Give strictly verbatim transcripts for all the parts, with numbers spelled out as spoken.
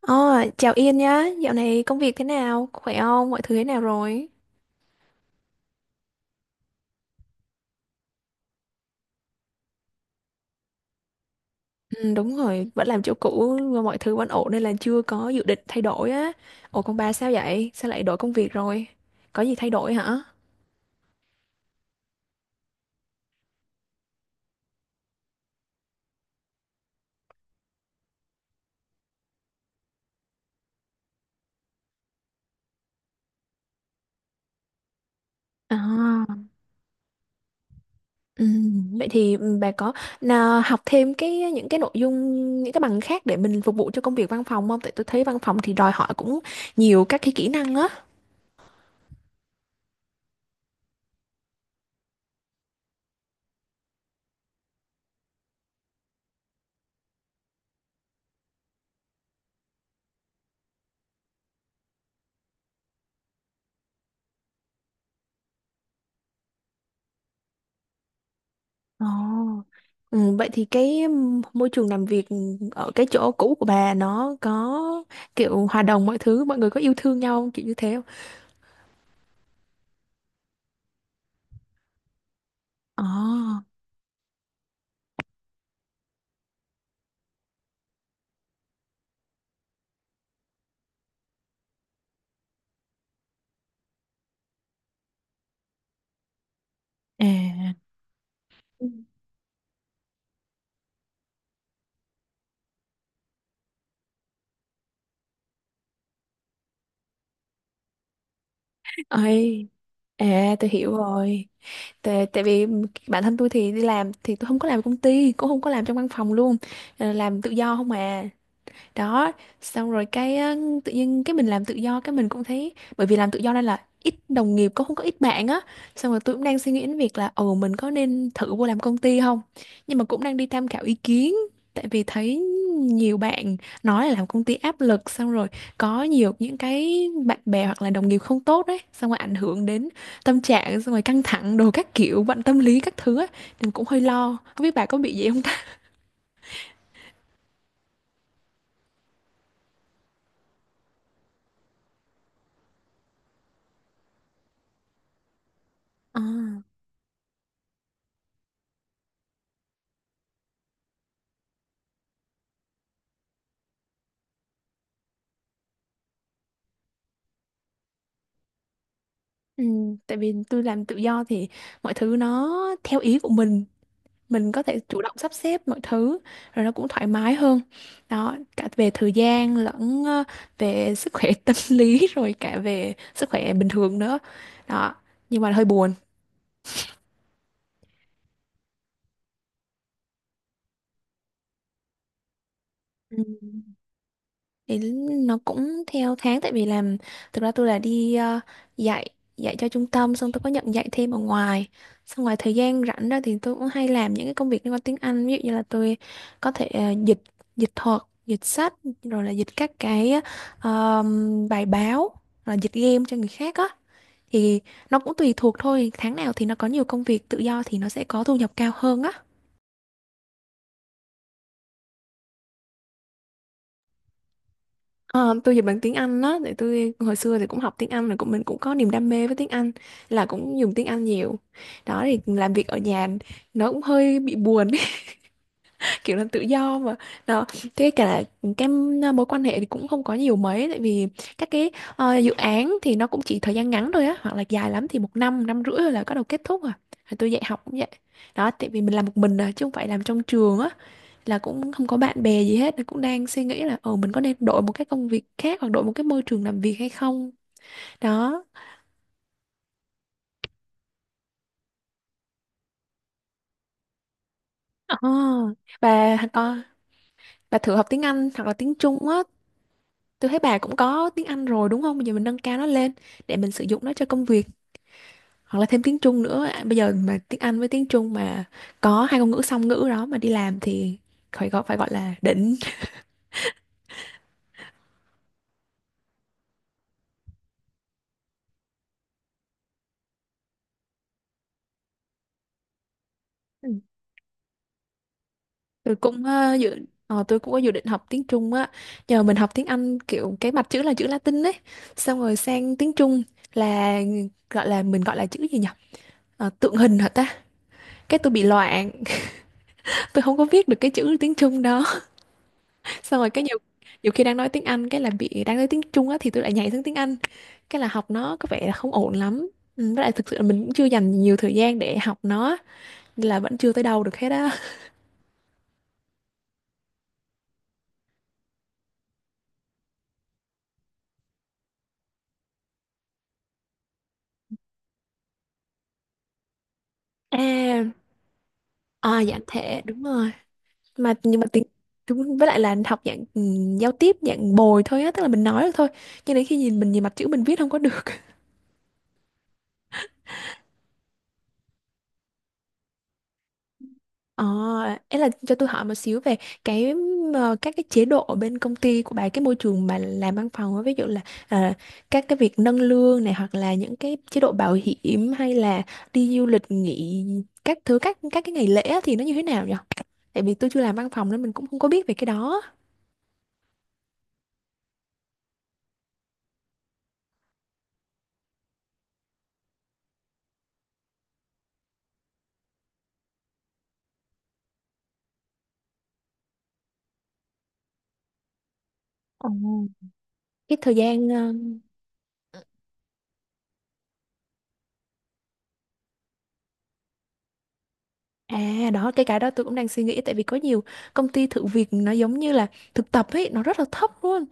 Ờ, Chào Yên nhá, dạo này công việc thế nào, khỏe không, mọi thứ thế nào rồi? Ừ, đúng rồi, vẫn làm chỗ cũ mà mọi thứ vẫn ổn nên là chưa có dự định thay đổi á. Ủa còn bà sao vậy, sao lại đổi công việc rồi? Có gì thay đổi hả? À, ừ, vậy thì ừ, bà có nào học thêm cái những cái nội dung, những cái bằng khác để mình phục vụ cho công việc văn phòng không? Tại tôi thấy văn phòng thì đòi hỏi cũng nhiều các cái kỹ năng á. Ồ, ừ, vậy thì cái m- môi trường làm việc ở cái chỗ cũ của bà nó có kiểu hòa đồng mọi thứ, mọi người có yêu thương nhau không? Kiểu như thế không? Ồ. À. Ừ. Ơi, à, tôi hiểu rồi. Tại, tại vì bản thân tôi thì đi làm thì tôi không có làm công ty, cũng không có làm trong văn phòng luôn. Ờ, làm tự do không à, đó. Xong rồi cái á, tự nhiên cái mình làm tự do cái mình cũng thấy bởi vì làm tự do nên là ít đồng nghiệp cũng không có ít bạn á, xong rồi tôi cũng đang suy nghĩ đến việc là ừ mình có nên thử vô làm công ty không, nhưng mà cũng đang đi tham khảo ý kiến tại vì thấy nhiều bạn nói là làm công ty áp lực, xong rồi có nhiều những cái bạn bè hoặc là đồng nghiệp không tốt đấy, xong rồi ảnh hưởng đến tâm trạng, xong rồi căng thẳng đồ các kiểu bệnh tâm lý các thứ á, thì cũng hơi lo không biết bà có bị gì không ta. À. Ừ, tại vì tôi làm tự do thì mọi thứ nó theo ý của mình mình có thể chủ động sắp xếp mọi thứ, rồi nó cũng thoải mái hơn, đó, cả về thời gian lẫn ờ, về sức khỏe tâm lý, rồi cả về sức khỏe bình thường nữa, đó, nhưng mà hơi buồn. Ừ. Thì nó cũng theo tháng tại vì làm, thực ra tôi là đi ờ, dạy, dạy cho trung tâm, xong tôi có nhận dạy thêm ở ngoài, xong ngoài thời gian rảnh ra thì tôi cũng hay làm những cái công việc liên quan tiếng Anh, ví dụ như là tôi có thể ờ, dịch dịch thuật, dịch sách, rồi là dịch các cái ờ, bài báo, rồi là dịch game cho người khác á, thì nó cũng tùy thuộc thôi, tháng nào thì nó có nhiều công việc tự do thì nó sẽ có thu nhập cao hơn á. Ờ, tôi dịch bằng tiếng Anh đó, tại tôi hồi xưa thì cũng học tiếng Anh, rồi cũng mình cũng có niềm đam mê với tiếng Anh, là cũng dùng tiếng Anh nhiều. Đó thì làm việc ở nhà nó cũng hơi bị buồn ấy, kiểu là tự do mà. Đó, thế cả là cái à, mối quan hệ thì cũng không có nhiều mấy tại vì các cái ờ, dự án thì nó cũng chỉ thời gian ngắn thôi á, hoặc là dài lắm thì một năm, năm rưỡi là bắt đầu kết thúc à. Rồi tôi dạy học cũng vậy. Đó, tại vì mình làm một mình à, chứ không phải làm trong trường á, là cũng không có bạn bè gì hết, cũng đang suy nghĩ là ờ mình có nên đổi một cái công việc khác hoặc đổi một cái môi trường làm việc hay không. Đó, ờ bà có bà thử học tiếng Anh hoặc là tiếng Trung á. Tôi thấy bà cũng có tiếng Anh rồi đúng không, bây giờ mình nâng cao nó lên để mình sử dụng nó cho công việc, hoặc là thêm tiếng Trung nữa. À, bây giờ mà tiếng Anh với tiếng Trung mà có hai ngôn ngữ song ngữ đó mà đi làm thì phải gọi, phải gọi là đỉnh. tôi cũng ờ, dự ờ, tôi cũng có dự định học tiếng Trung á, nhờ mình học tiếng Anh kiểu cái mặt chữ là chữ Latin ấy, xong rồi sang tiếng Trung là gọi là, mình gọi là chữ gì nhỉ? Ờ, tượng hình hả ta, cái tôi bị loạn. Tôi không có viết được cái chữ tiếng Trung đó, xong rồi cái nhiều, nhiều khi đang nói tiếng Anh cái là bị, đang nói tiếng Trung á thì tôi lại nhảy sang tiếng Anh, cái là học nó có vẻ là không ổn lắm. Ừ, với lại thực sự là mình cũng chưa dành nhiều thời gian để học nó nên là vẫn chưa tới đâu được hết á. À, à dạ thế đúng rồi, mà nhưng mà tiếng chúng với lại là học dạng ừ, giao tiếp dạng bồi thôi á, tức là mình nói được thôi, cho đến khi nhìn, mình nhìn mặt chữ mình viết không có được. ờ Ấy, là cho tôi hỏi một xíu về cái ờ, các cái chế độ ở bên công ty của bà, cái môi trường bà làm văn phòng á, ví dụ là ờ, các cái việc nâng lương này hoặc là những cái chế độ bảo hiểm hay là đi du lịch nghỉ các thứ, các các cái ngày lễ á, thì nó như thế nào nhỉ? Tại vì tôi chưa làm văn phòng nên mình cũng không có biết về cái đó. Ồ. Cái thời gian. À đó, cái cái đó tôi cũng đang suy nghĩ, tại vì có nhiều công ty thử việc nó giống như là thực tập ấy, nó rất là thấp luôn,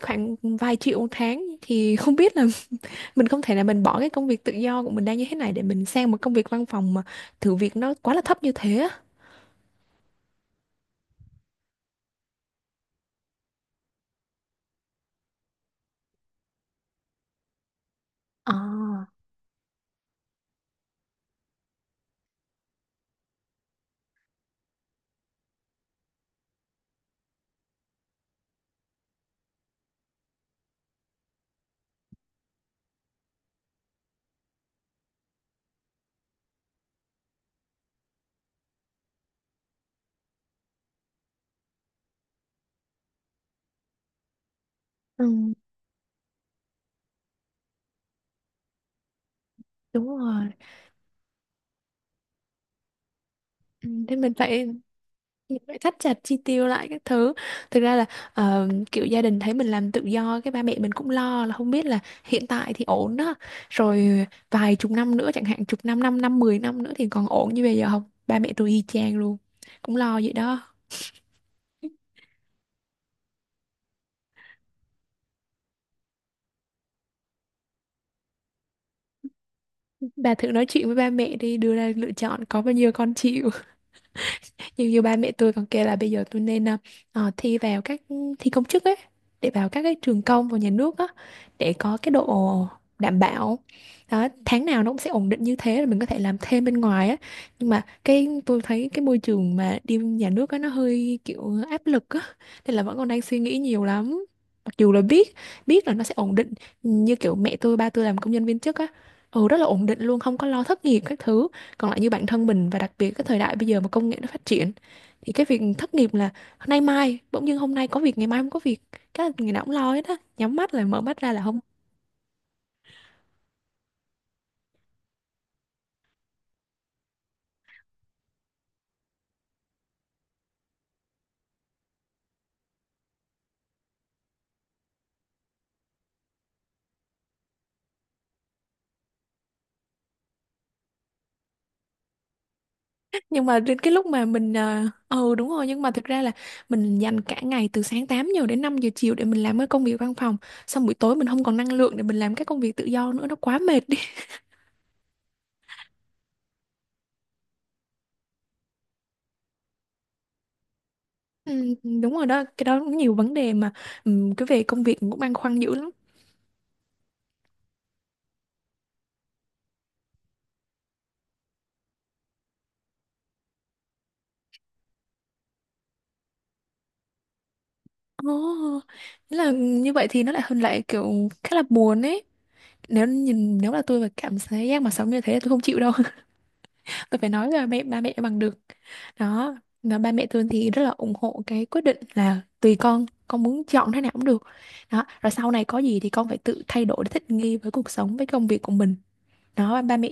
khoảng vài triệu một tháng thì không biết là mình không thể là mình bỏ cái công việc tự do của mình đang như thế này để mình sang một công việc văn phòng mà thử việc nó quá là thấp như thế á. Ờ, ừ, đúng rồi. Ừ, thế mình phải phải thắt chặt chi tiêu lại các thứ, thực ra là ờ, kiểu gia đình thấy mình làm tự do cái ba mẹ mình cũng lo là không biết là hiện tại thì ổn đó, rồi vài chục năm nữa chẳng hạn, chục năm, năm năm, mười năm nữa thì còn ổn như bây giờ không. Ba mẹ tôi y chang luôn, cũng lo vậy đó. Bà thử nói chuyện với ba mẹ đi, đưa ra lựa chọn có bao nhiêu con chịu. Như, như ba mẹ tôi còn kêu là bây giờ tôi nên ờ, ờ, thi vào các, thi công chức ấy, để vào các cái trường công và nhà nước á, để có cái độ đảm bảo, đó, tháng nào nó cũng sẽ ổn định như thế, là mình có thể làm thêm bên ngoài á. Nhưng mà cái tôi thấy cái môi trường mà đi nhà nước á, nó hơi kiểu áp lực á, nên là vẫn còn đang suy nghĩ nhiều lắm. Mặc dù là biết biết là nó sẽ ổn định, như kiểu mẹ tôi ba tôi làm công nhân viên chức á, ừ rất là ổn định luôn, không có lo thất nghiệp các thứ. Còn lại như bản thân mình và đặc biệt cái thời đại bây giờ mà công nghệ nó phát triển thì cái việc thất nghiệp là nay mai bỗng dưng hôm nay có việc ngày mai không có việc, cái là ngày nào cũng lo hết á, nhắm mắt lại mở mắt ra là không. Nhưng mà đến cái lúc mà mình ờ ừ, đúng rồi, nhưng mà thực ra là mình dành cả ngày từ sáng tám giờ đến năm giờ chiều để mình làm cái công việc văn phòng, xong buổi tối mình không còn năng lượng để mình làm cái công việc tự do nữa, nó quá mệt đi. Ừ, đúng rồi đó, cái đó cũng nhiều vấn đề mà, ừ, cái về công việc cũng băn khoăn dữ lắm. Ồ, oh, là như vậy thì nó lại hơn, lại kiểu khá là buồn ấy. Nếu nhìn, nếu là tôi mà cảm thấy giác mà sống như thế là tôi không chịu đâu. Tôi phải nói là mẹ ba mẹ bằng được, đó, và ba mẹ tôi thì rất là ủng hộ cái quyết định, là tùy con con muốn chọn thế nào cũng được, đó, rồi sau này có gì thì con phải tự thay đổi để thích nghi với cuộc sống với công việc của mình, đó. Ba mẹ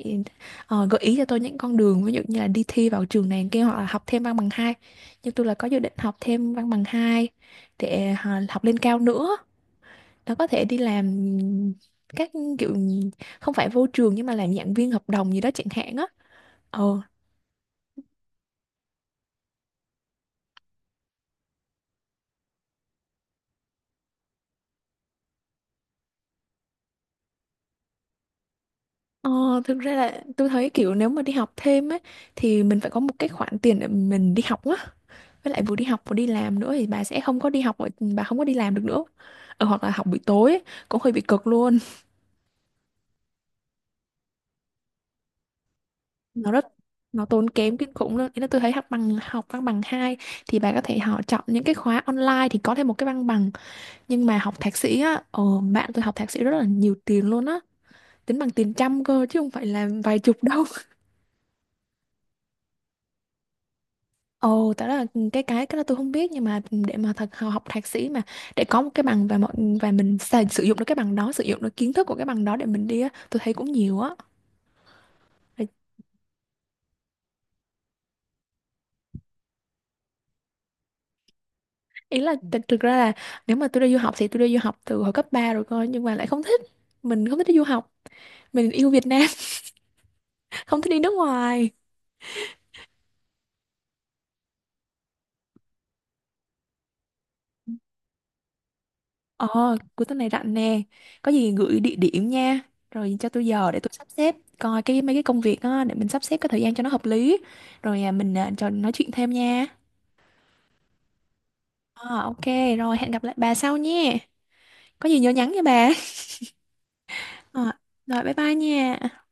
ờ, gợi ý cho tôi những con đường, ví dụ như là đi thi vào trường này kia hoặc là học thêm văn bằng hai. Nhưng tôi là có dự định học thêm văn bằng hai, để ờ, học lên cao nữa, nó có thể đi làm các kiểu, không phải vô trường nhưng mà làm giảng viên hợp đồng gì đó chẳng hạn á. Ờ. Ờ, Thực ra là tôi thấy kiểu nếu mà đi học thêm ấy thì mình phải có một cái khoản tiền để mình đi học á. Với lại vừa đi học vừa đi làm nữa thì bà sẽ không có đi học ở-, bà không có đi làm được nữa. Ờ, hoặc là học buổi tối ấy, cũng hơi bị cực luôn. Nó rất, nó tốn kém kinh khủng luôn. Ý là tôi thấy học bằng, học văn bằng hai thì bà có thể họ chọn những cái khóa online thì có thêm một cái văn bằng, nhưng mà học thạc sĩ á, ờ, bạn tôi học thạc sĩ rất là nhiều tiền luôn á, tính bằng tiền trăm cơ chứ không phải là vài chục đâu. Ồ, tại đó là cái, cái cái đó tôi không biết, nhưng mà để mà thật học thạc sĩ mà để có một cái bằng và mọi và mình xài, sử dụng được cái bằng đó, sử dụng được kiến thức của cái bằng đó để mình đi á, tôi thấy cũng nhiều á. Ý là t- thực ra là nếu mà tôi đi du học thì tôi đi du học từ hồi cấp ba rồi coi, nhưng mà lại không thích, mình không thích đi du học, mình yêu Việt Nam. Không thích đi nước ngoài. Ờ, cuối tuần này rảnh nè. Có gì gửi địa điểm nha. Rồi cho tôi giờ để tôi sắp xếp coi cái mấy cái công việc á, để mình sắp xếp cái thời gian cho nó hợp lý. Rồi à, mình à, trò nói chuyện thêm nha. Ờ, ok, rồi hẹn gặp lại bà sau nhé. Có gì nhớ nhắn nha bà. Ờ, rồi bye bye nha.